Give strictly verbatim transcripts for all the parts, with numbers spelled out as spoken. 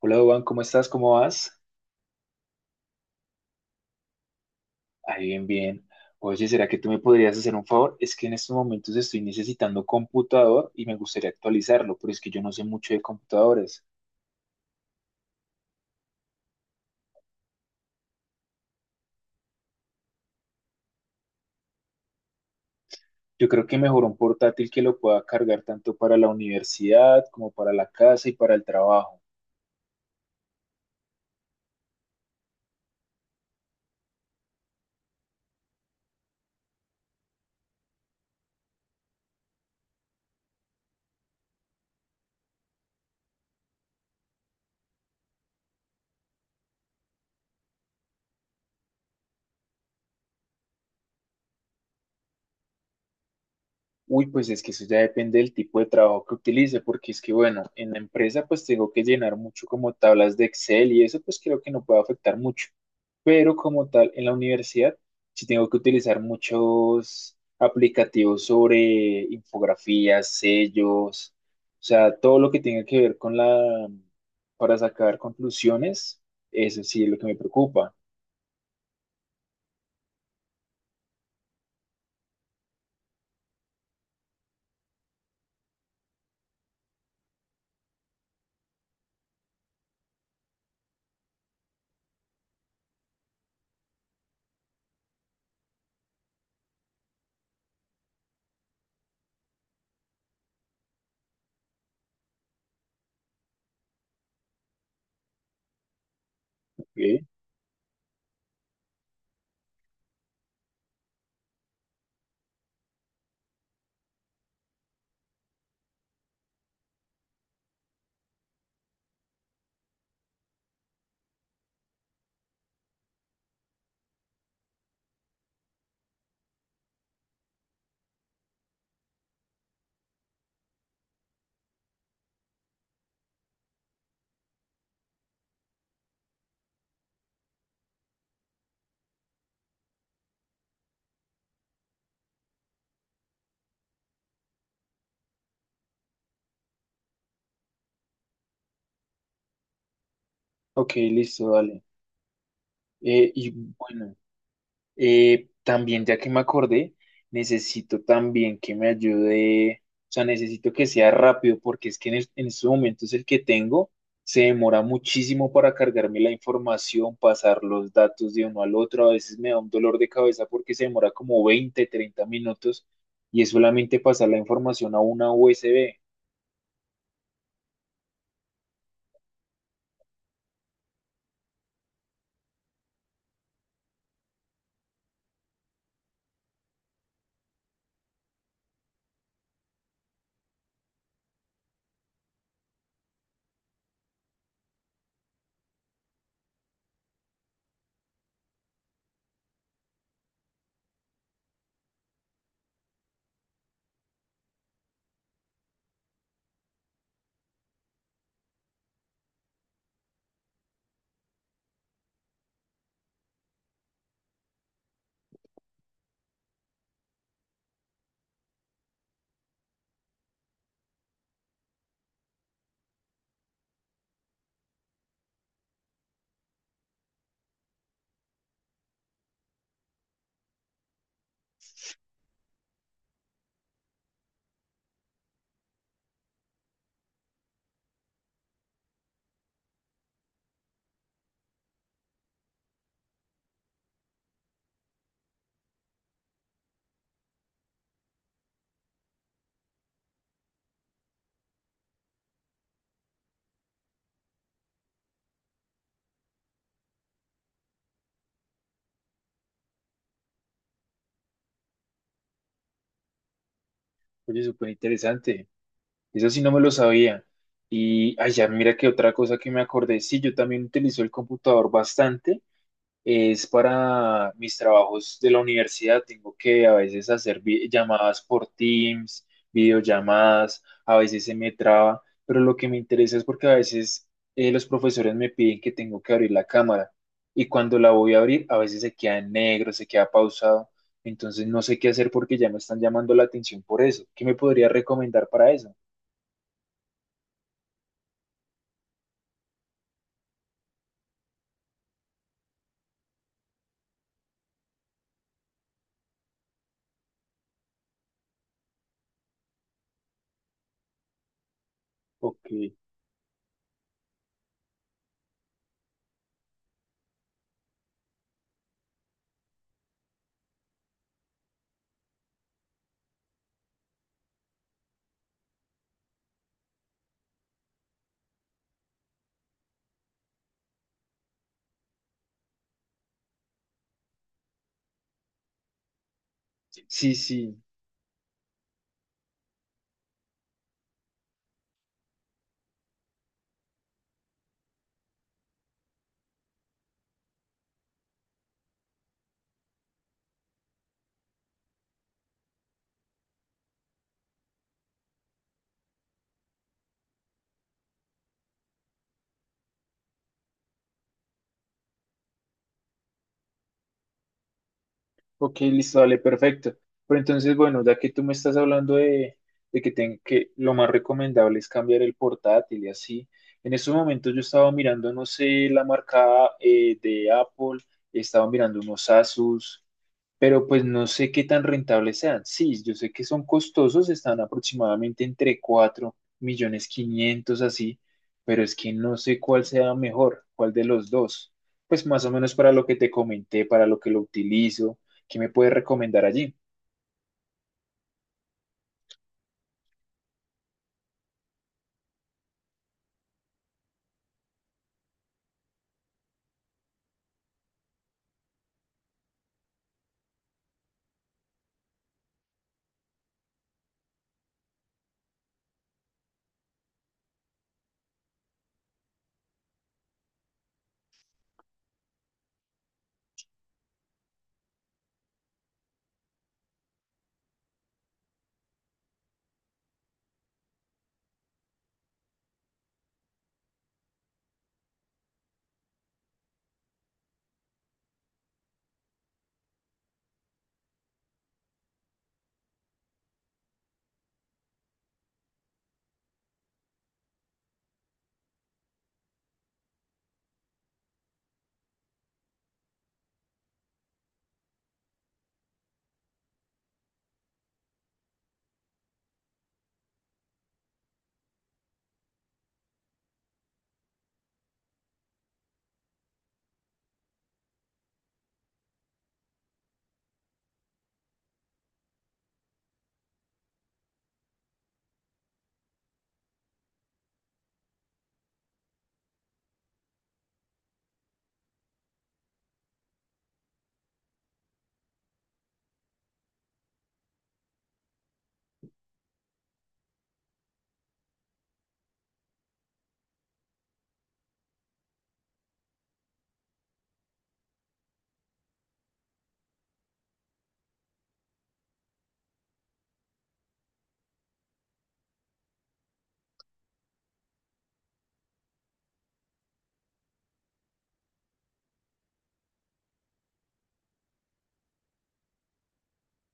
Hola, Dubán, ¿cómo estás? ¿Cómo vas? Ahí bien, bien. Oye, ¿será que tú me podrías hacer un favor? Es que en estos momentos estoy necesitando computador y me gustaría actualizarlo, pero es que yo no sé mucho de computadores. Yo creo que mejor un portátil que lo pueda cargar tanto para la universidad como para la casa y para el trabajo. Uy, pues es que eso ya depende del tipo de trabajo que utilice, porque es que, bueno, en la empresa pues tengo que llenar mucho como tablas de Excel y eso pues creo que no puede afectar mucho. Pero como tal, en la universidad sí tengo que utilizar muchos aplicativos sobre infografías, sellos, o sea, todo lo que tenga que ver con la, para sacar conclusiones, eso sí es lo que me preocupa. Ok. Ok, listo, dale. Eh, y bueno. Eh, también, ya que me acordé, necesito también que me ayude, o sea, necesito que sea rápido porque es que en, es- en estos momentos el que tengo se demora muchísimo para cargarme la información, pasar los datos de uno al otro, a veces me da un dolor de cabeza porque se demora como veinte treinta minutos y es solamente pasar la información a una U S B. Oye, súper interesante. Eso sí no me lo sabía. Y allá, mira que otra cosa que me acordé, sí, yo también utilizo el computador bastante es para mis trabajos de la universidad. Tengo que a veces hacer vi- llamadas por Teams, videollamadas, a veces se me traba, pero lo que me interesa es porque a veces eh, los profesores me piden que tengo que abrir la cámara y cuando la voy a abrir, a veces se queda en negro, se queda pausado. Entonces no sé qué hacer porque ya me están llamando la atención por eso. ¿Qué me podría recomendar para eso? Ok. Sí, sí. Ok, listo, dale, perfecto. Pero entonces, bueno, ya que tú me estás hablando de, de que, ten- que lo más recomendable es cambiar el portátil y así, en estos momentos yo estaba mirando, no sé, la marca eh, de Apple, estaba mirando unos Asus, pero pues no sé qué tan rentables sean. Sí, yo sé que son costosos, están aproximadamente entre cuatro millones quinientos así, pero es que no sé cuál sea mejor, cuál de los dos. Pues más o menos para lo que te comenté, para lo que lo utilizo, ¿qué me puedes recomendar allí?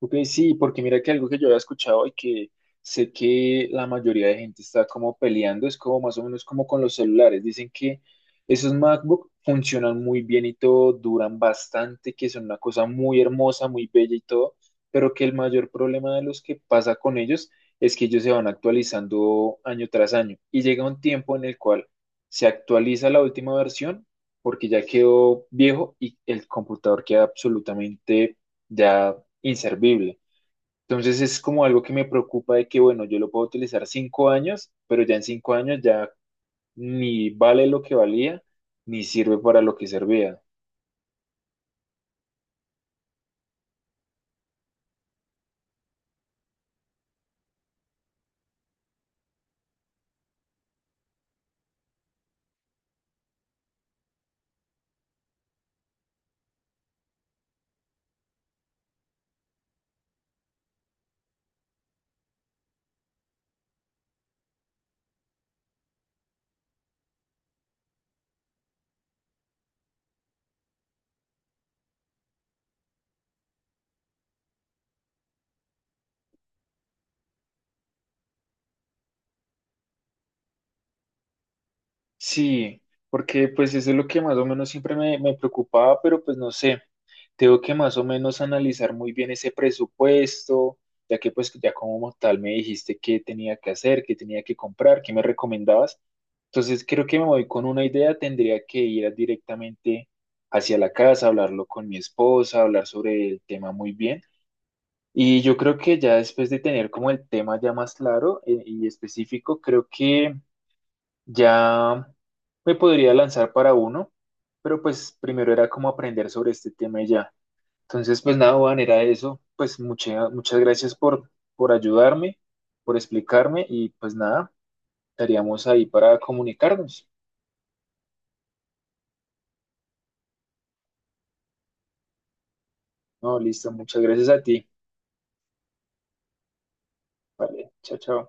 Ok, sí, porque mira que algo que yo había escuchado y que sé que la mayoría de gente está como peleando es como más o menos como con los celulares. Dicen que esos MacBook funcionan muy bien y todo, duran bastante, que son una cosa muy hermosa, muy bella y todo, pero que el mayor problema de los que pasa con ellos es que ellos se van actualizando año tras año y llega un tiempo en el cual se actualiza la última versión porque ya quedó viejo y el computador queda absolutamente ya inservible. Entonces es como algo que me preocupa de que, bueno, yo lo puedo utilizar cinco años, pero ya en cinco años ya ni vale lo que valía, ni sirve para lo que servía. Sí, porque pues eso es lo que más o menos siempre me, me preocupaba, pero pues no sé, tengo que más o menos analizar muy bien ese presupuesto, ya que pues ya como tal me dijiste qué tenía que hacer, qué tenía que comprar, qué me recomendabas. Entonces creo que me voy con una idea, tendría que ir directamente hacia la casa, hablarlo con mi esposa, hablar sobre el tema muy bien. Y yo creo que ya después de tener como el tema ya más claro eh, y específico, creo que ya me podría lanzar para uno, pero pues primero era como aprender sobre este tema y ya. Entonces, pues nada, Juan, era eso. Pues mucha- muchas gracias por, por ayudarme, por explicarme y pues nada, estaríamos ahí para comunicarnos. No, listo, muchas gracias a ti. Vale, chao, chao.